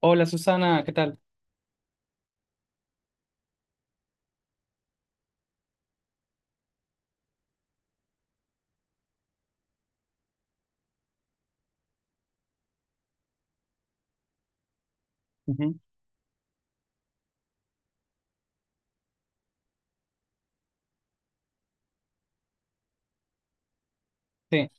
Hola Susana, ¿qué tal? Ujú, sí,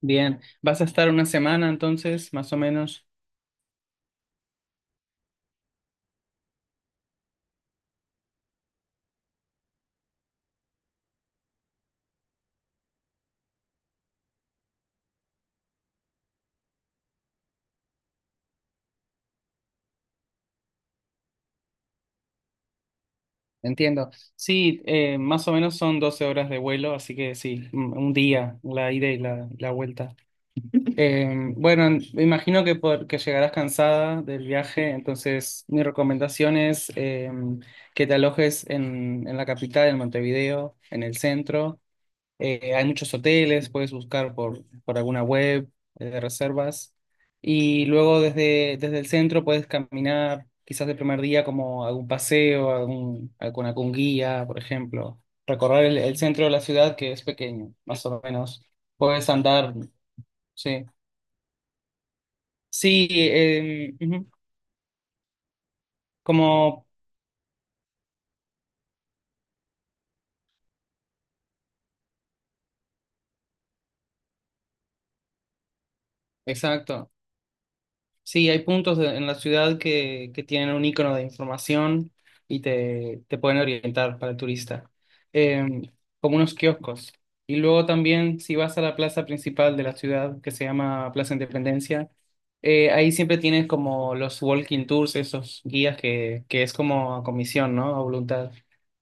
bien. ¿Vas a estar una semana entonces, más o menos? Entiendo. Sí, más o menos son 12 horas de vuelo, así que sí, un día, la ida y la vuelta. Bueno, me imagino que llegarás cansada del viaje, entonces mi recomendación es que te alojes en la capital, en Montevideo, en el centro. Hay muchos hoteles, puedes buscar por alguna web de reservas. Y luego desde el centro puedes caminar, quizás el primer día, como algún paseo, algún, con algún guía, por ejemplo. Recorrer el centro de la ciudad, que es pequeño, más o menos. Puedes andar, sí. Sí, ujú, como, exacto. Sí, hay en la ciudad que tienen un icono de información y te pueden orientar para el turista. Em, Como unos kioscos. Y luego también si vas a la plaza principal de la ciudad, que se llama Plaza Independencia, ahí siempre tienes como los walking tours, esos guías que es como a comisión, ¿no? A voluntad.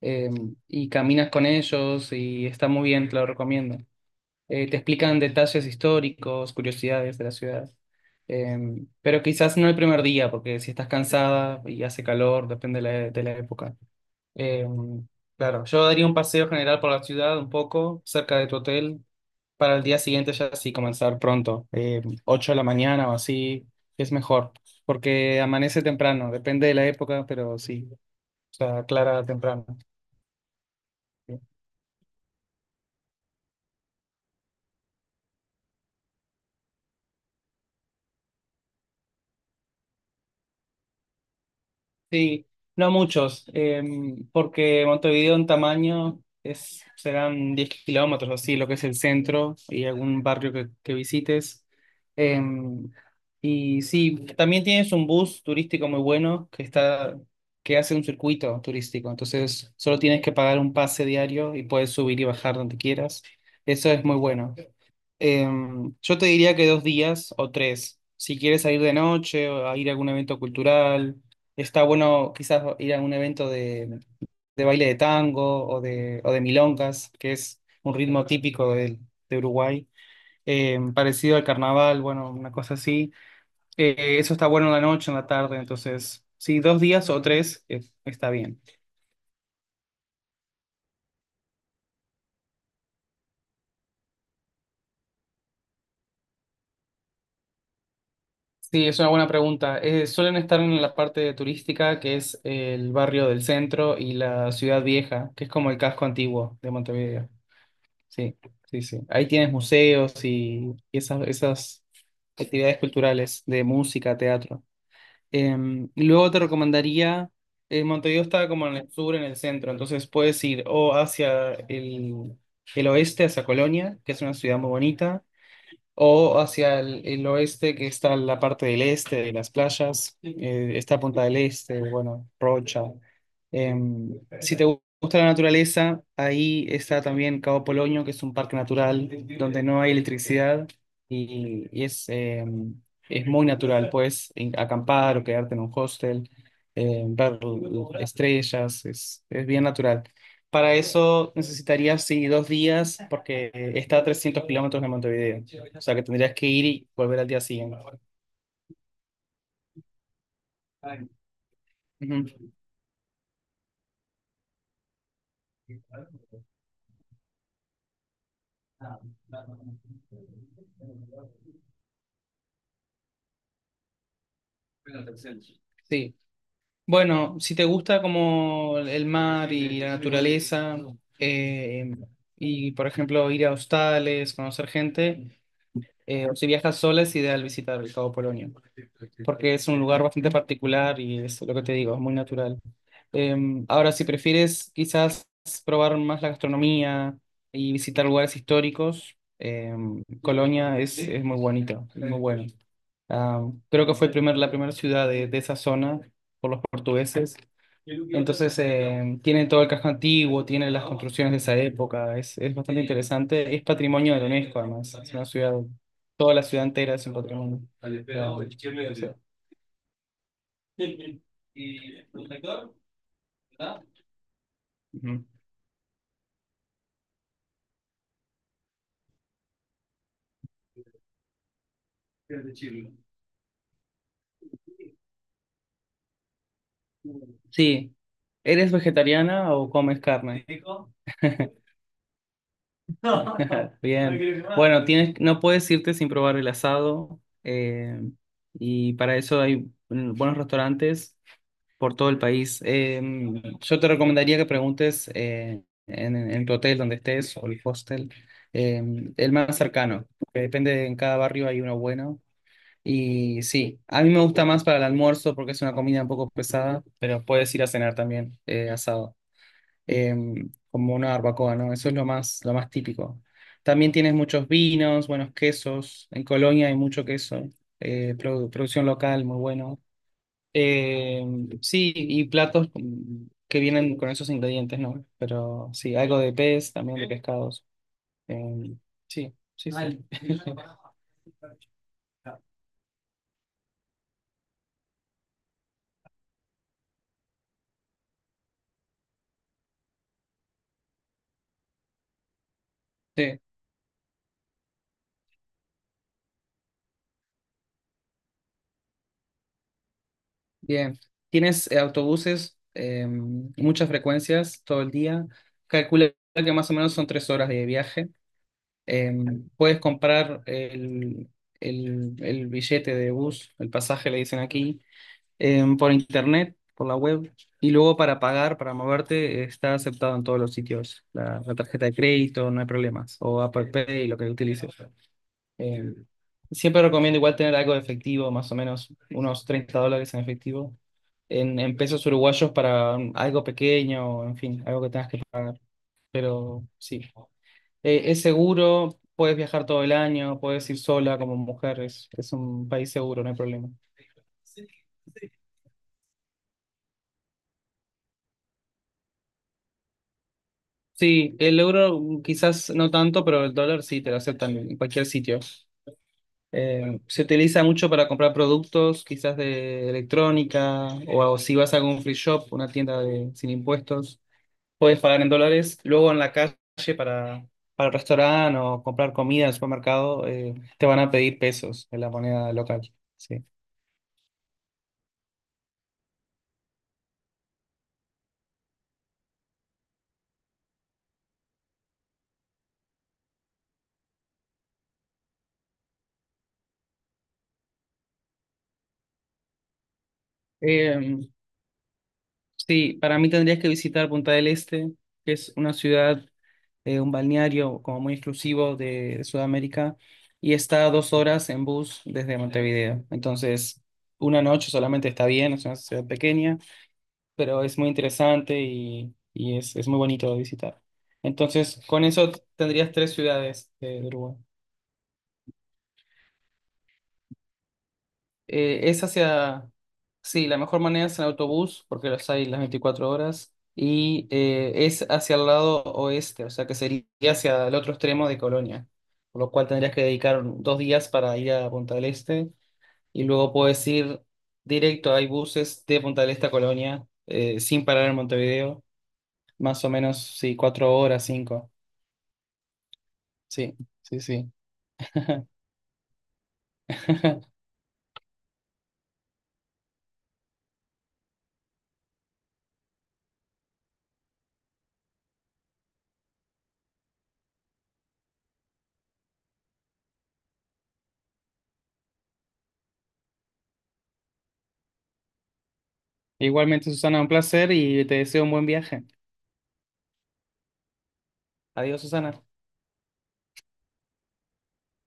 Em, y caminas con ellos y está muy bien, te lo recomiendo, te explican detalles históricos, curiosidades de la ciudad. Eh, pero quizás no el primer día, porque si estás cansada y hace calor, depende de de la época. Eh, claro, yo daría un paseo general por la ciudad un poco, cerca de tu hotel, para el día siguiente ya sí comenzar pronto, 8 de la mañana o así, es mejor, porque amanece temprano, depende de la época, pero sí, o sea, aclara temprano. Sí, no muchos, porque Montevideo en tamaño es, serán 10 kilómetros, así, lo que es el centro y algún barrio que visites. Em, y sí, también tienes un bus turístico muy bueno que está, que hace un circuito turístico, entonces solo tienes que pagar un pase diario y puedes subir y bajar donde quieras. Eso es muy bueno. Em, yo te diría que dos días o tres. Si quieres salir de noche o a ir a algún evento cultural, está bueno quizás ir a un evento de baile de tango o de milongas, que es un ritmo típico de Uruguay, em, parecido al carnaval, bueno, una cosa así. Eso está bueno en la noche, en la tarde, entonces, sí, dos días o tres, está bien. Sí, es una buena pregunta. Suelen estar en la parte turística, que es el barrio del centro y la ciudad vieja, que es como el casco antiguo de Montevideo. Sí, sí, sí. Ahí tienes museos y esas actividades culturales de música, teatro. Y luego te recomendaría, Montevideo está como en el sur, en el centro, entonces puedes ir o hacia el oeste, hacia Colonia, que es una ciudad muy bonita o hacia el oeste, que está la parte del este de las playas, está Punta del Este, bueno, Rocha. Em, si te gusta la naturaleza, ahí está también Cabo Polonio, que es un parque natural donde no hay electricidad y es, es muy natural. Puedes acampar o quedarte en un hostel, ver estrellas, es bien natural. Para eso necesitarías, sí, dos días porque está a 300 kilómetros de Montevideo. O sea que tendrías que ir y volver al día siguiente. Ujú. Sí. Bueno, si te gusta como el mar y la naturaleza, eh, y por ejemplo ir a hostales, conocer gente, o si viajas sola es ideal visitar el Cabo Polonio, porque es un lugar bastante particular y es lo que te digo, es muy natural. Em, ahora, si prefieres quizás probar más la gastronomía y visitar lugares históricos, em, Colonia es muy bonito, es muy bueno. Ah, creo que fue el primer, la primera ciudad de esa zona por los portugueses. Entonces, tiene todo el casco antiguo, tienen las construcciones de esa época, es bastante interesante. Es patrimonio de la UNESCO, además. Es una ciudad, toda la ciudad entera es un patrimonio. Ah, o sea, ujú. Sí. ¿Eres vegetariana o comes carne? Bien. Bueno, tienes, no puedes irte sin probar el asado. Y para eso hay buenos restaurantes por todo el país. Em, yo te recomendaría que preguntes en tu hotel donde estés o el hostel, el más cercano, que depende, en cada barrio hay uno bueno. Y sí, a mí me gusta más para el almuerzo porque es una comida un poco pesada, pero puedes ir a cenar también asado, em, como una barbacoa, ¿no? Eso es lo más típico. También tienes muchos vinos, buenos quesos. En Colonia hay mucho queso, producción local, muy bueno. Eh, sí, y platos que vienen con esos ingredientes, ¿no? Pero sí, algo de pez, también de pescados. Eh, sí, sí, sí. Sí, bien. ¿Tienes autobuses, muchas frecuencias todo el día? Calcula que más o menos son tres horas de viaje. Eh, Puedes comprar el billete de bus, el pasaje le dicen aquí, por internet, por la web, y luego para pagar, para moverte, está aceptado en todos los sitios. La tarjeta de crédito, no hay problemas, o Apple Pay, lo que utilices. Em, Siempre recomiendo igual tener algo de efectivo, más o menos unos 30 dólares en efectivo, en pesos uruguayos para algo pequeño, en fin, algo que tengas que... Pero sí, eh, es seguro, puedes viajar todo el año, puedes ir sola como mujer, es un país seguro, no hay problema. Sí, el euro mm, quizás no tanto, pero el dólar sí te lo aceptan en cualquier sitio. Se utiliza mucho para comprar productos, quizás de electrónica, o si vas a algún free shop, una tienda de, sin impuestos, puedes pagar en dólares. Luego en la calle para, para el restaurante o comprar comida en el supermercado, te van a pedir pesos en la moneda local. Sí. Eh, sí, para mí tendrías que visitar Punta del Este, que es una ciudad, un balneario como muy exclusivo de Sudamérica, y está a dos horas en bus desde Montevideo. Entonces, una noche solamente está bien, es una ciudad pequeña, pero es muy interesante y es muy bonito de visitar. Entonces, con eso tendrías tres ciudades de Uruguay. Eh, es hacia, sí, la mejor manera es en autobús, porque los hay las 24 horas, y es hacia el lado oeste, o sea que sería hacia el otro extremo de Colonia, por lo cual tendrías que dedicar dos días para ir a Punta del Este, y luego puedes ir directo, hay buses de Punta del Este a Colonia, sin parar en Montevideo, más o menos, sí, cuatro horas, cinco, sí, sí, sí. Igualmente, Susana, un placer y te deseo un buen viaje. Adiós, Susana.